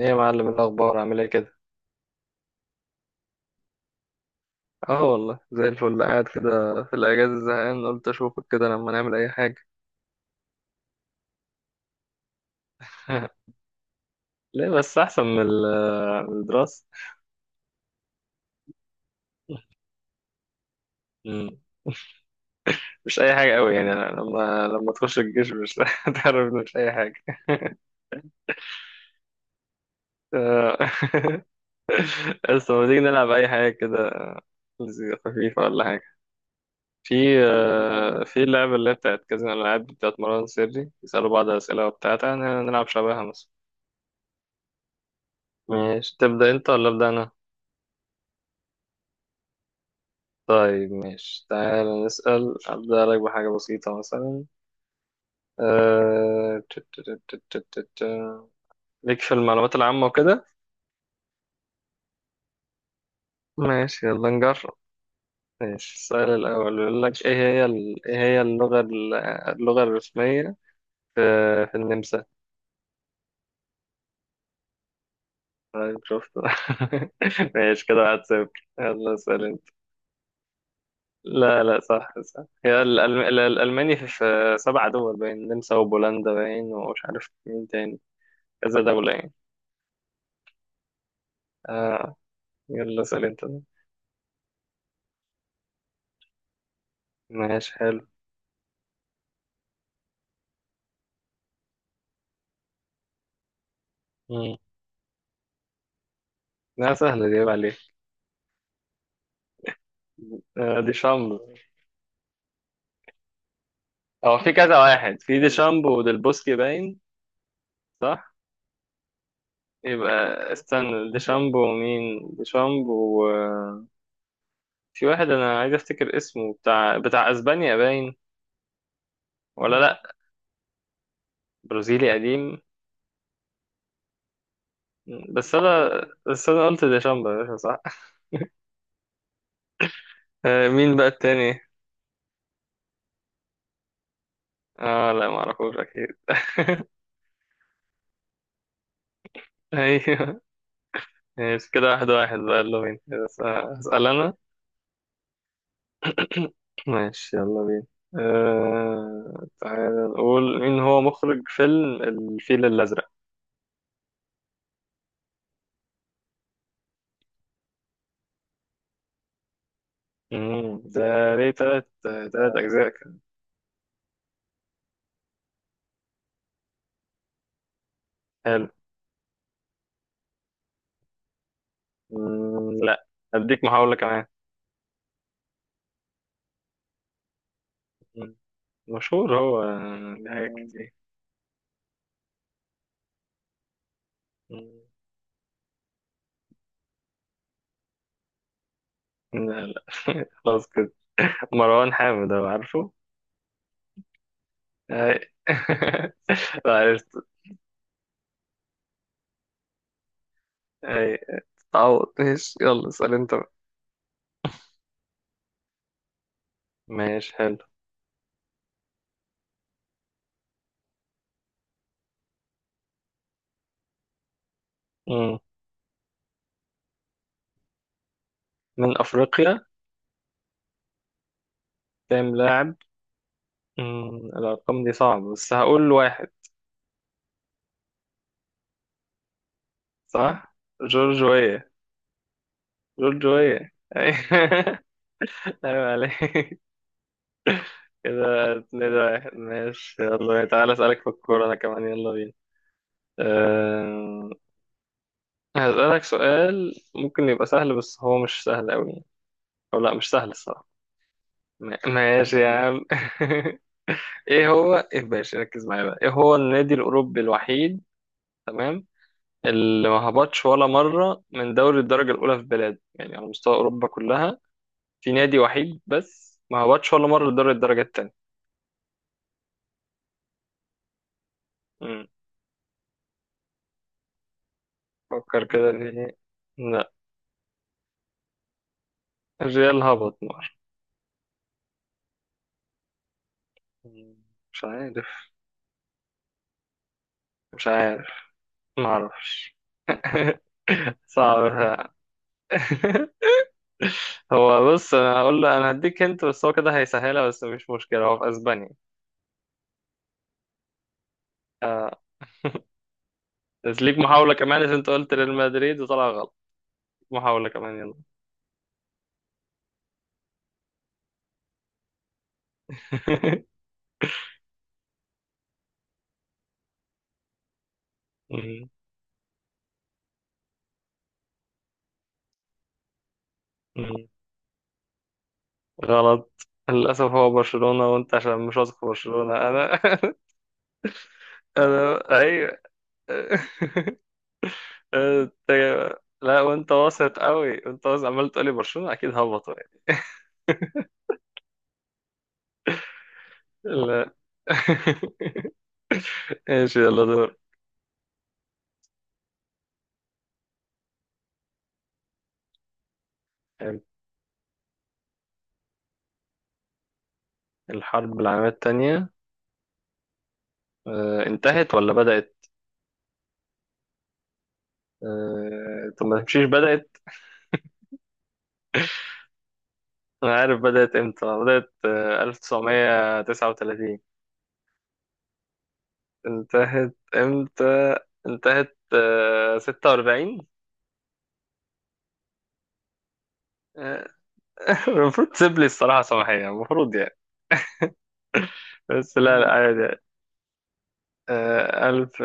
ايه يا معلم، الاخبار عامل ايه كده. اه والله زي الفل، قاعد كده في الاجازه زهقان، قلت اشوفك كده لما نعمل اي حاجه. ليه بس، احسن من الدراسه. مم. مش اي حاجه قوي يعني، أنا لما تخش الجيش مش هتعرف إنه مش اي حاجه. آه. بس لما تيجي نلعب اي حاجه كده، مزيكا خفيفه ولا حاجه. في آه، في اللعبه اللي هي بتاعت كازينو الالعاب بتاعت مروان سري، يسالوا بعض اسئله وبتاع. تعالى نلعب شبهها مثلا. ماشي، تبدا انت ولا ابدا انا؟ طيب ماشي، تعال نسأل. أبدأ لك بحاجة بسيطة مثلا. أه... ت- ت- ت- ت- ت- ت- ت- ليك في المعلومات العامة وكده. ماشي يلا نجرب. ماشي، السؤال الأول بيقول لك: إيه هي اللغة الرسمية في, في النمسا؟ طيب شفت. ماشي كده، 1-0. يلا اسأل أنت. لا لا، صح صح، هي الألماني، في 7 دول باين، النمسا وبولندا باين، ومش عارف مين تاني. كذا دولة يعني. آه. يلا اسأل انت. ماشي حلو. مم. لا، سهلة دي، عيب عليك. آه، دي شامبو. هو في كذا واحد، في دي شامبو وديل بوسكي باين. صح. يبقى استنى، دي شامبو، مين دي شامبو؟ آه، في واحد انا عايز افتكر اسمه، بتاع بتاع اسبانيا باين. ولا لا، برازيلي قديم. مم. بس انا قلت دي شامبو يا باشا، صح. آه، مين بقى التاني؟ اه لا، ما اعرفوش اكيد. ايوه. ماشي كده 1-1 بقى، يلا بينا بس، آه، هسأل انا. ماشي يلا بينا. آه... تعالى نقول، مين هو مخرج فيلم الفيل الأزرق؟ مم، ده ليه تلات تلات أجزاء كان. حلو. مم، لا، أديك محاولة كمان. مم، مشهور هو، آه، ليه حاجات كتير. مم، لا لا خلاص كده، مروان حامد، هو عارفه. أي. لا، عرفت. أي. تعوض، ماشي يلا اسأل أنت بقى. ماشي حلو. مم. من أفريقيا. كام لاعب؟ مم، الأرقام دي صعبة، بس هقول واحد. صح. جورجوية. جورجوية. أيوة عليك. كده 2-1. ماشي يلا تعالى أسألك في الكورة أنا كمان، يلا بينا. أه... هسألك سؤال ممكن يبقى سهل، بس هو مش سهل أوي. أو لا، مش سهل الصراحة. ماشي يا عم. إيه هو، إيه باشا ركز معايا بقى، إيه هو النادي الأوروبي الوحيد، تمام، اللي ما هبطش ولا مرة من دوري الدرجة الأولى في بلاده، يعني على مستوى أوروبا كلها، في نادي وحيد بس ما هبطش ولا مرة لدوري الدرجة التانية. مم. فكر كده ليه. لا، الريال هبط مرة. مم. مش عارف. مش عارف. ما اعرفش. صعب. هو بص، انا هقول له، انا هديك انت بس هو كده هيسهلها، بس مش مشكلة، هو في اسبانيا. آه. بس ليك محاولة كمان عشان انت قلت ريال مدريد وطلع غلط. محاولة كمان يلا. مم. مم. غلط للأسف، هو برشلونة، وأنت عشان مش واثق في برشلونة أنا. أنا أيوة. أنت، لا وأنت واثق أوي، وأنت واثق عمال تقولي برشلونة أكيد هبطوا يعني. لا. ماشي يلا دور. الحرب العالمية التانية، آه، انتهت ولا بدأت؟ آه، طب ما تمشيش، بدأت. أنا عارف بدأت إمتى، بدأت آه، 1939. انتهت إمتى؟ انتهت آه، 46. المفروض تسيب لي الصراحة صباحية المفروض يعني. بس لا لا، مم. عادي عادي. آه ألف.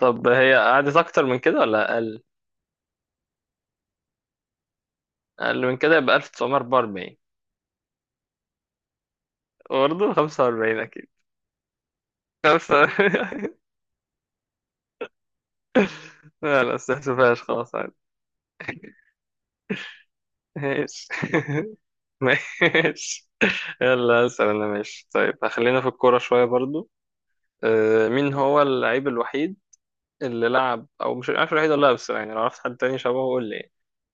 طب هي قعدت أكتر من كده ولا أقل؟ أقل من كده، يبقى 1944. برضه 45 أكيد. خمسة. لا لا استحسفهاش، خلاص عادي. ماشي. ماشي. يلا أسأل أنا، ماشي طيب خلينا في الكورة شوية برضو. آه، مين هو اللعيب الوحيد اللي لعب، أو مش عارف الوحيد ولا لا، بس يعني لو عرفت حد تاني شبهه قول لي،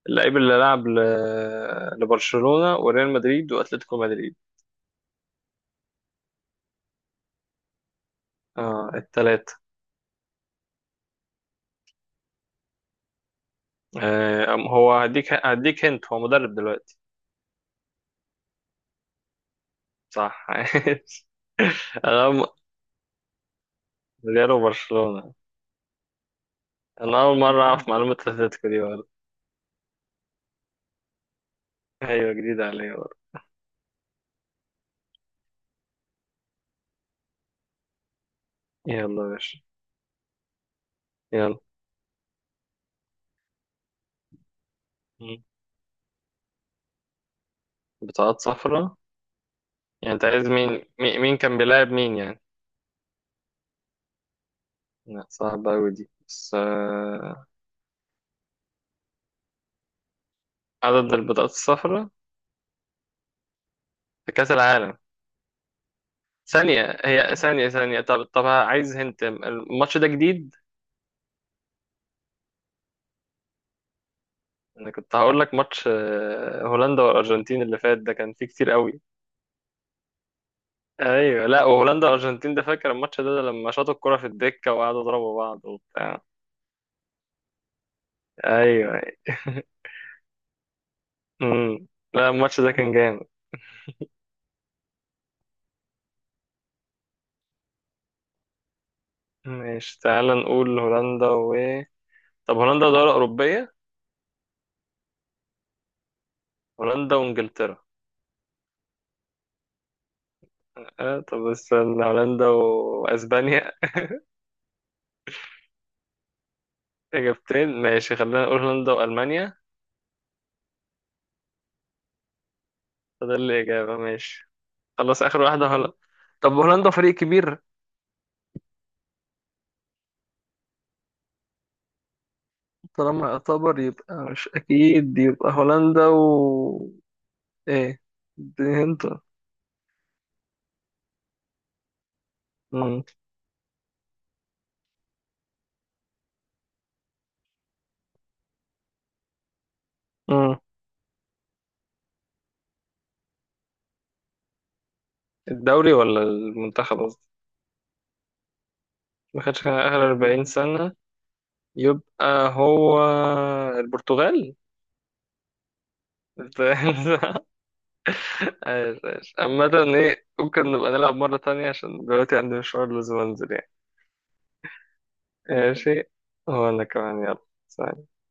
اللعيب اللي لعب لبرشلونة وريال مدريد واتلتيكو مدريد. اه التلاتة. آه هو هديك هنت، هو مدرب دلوقتي. صح. انا م- ريال وبرشلونة. انا اول مرة اعرف معلومة اتلتيكو دي برضه. ايوه جديدة عليا برضه. يلا يا باشا. يلا. مم. بطاقات صفراء. يعني انت عايز مين، مين كان بيلاعب مين يعني؟ لا، صعبة أوي دي بس، آه، عدد البطاقات الصفراء في كأس العالم. ثانية، هي ثانية ثانية، طب طب عايز هنت، الماتش ده جديد؟ انا كنت هقول لك ماتش آه، هولندا والارجنتين اللي فات ده كان فيه كتير قوي. ايوه لا، وهولندا والارجنتين ده فاكر الماتش ده, ده لما شاطوا الكرة في الدكة وقعدوا يضربوا بعض وبتاع. ايوه. امم. لا الماتش ده كان جامد. ماشي تعال نقول هولندا و، طب هولندا دولة أوروبية. هولندا وإنجلترا. آه طب استنى، هولندا وأسبانيا. إجابتين، ماشي خلينا نقول هولندا وألمانيا. فده الإجابة ماشي. خلاص اخر واحده، هولندا. طب هولندا فريق كبير. طالما يعتبر يبقى مش اكيد، يبقى هولندا و، ايه، دي هنت. مم. مم. الدوري ولا المنتخب قصدي؟ ما كانش، كان اخر 40 سنه. يبقى هو البرتغال. ايش ايش عامة. ايه ممكن نبقى نلعب مرة تانية عشان دلوقتي عندي مشوار لازم انزل يعني. ماشي. هو انا كمان يلا. سلام.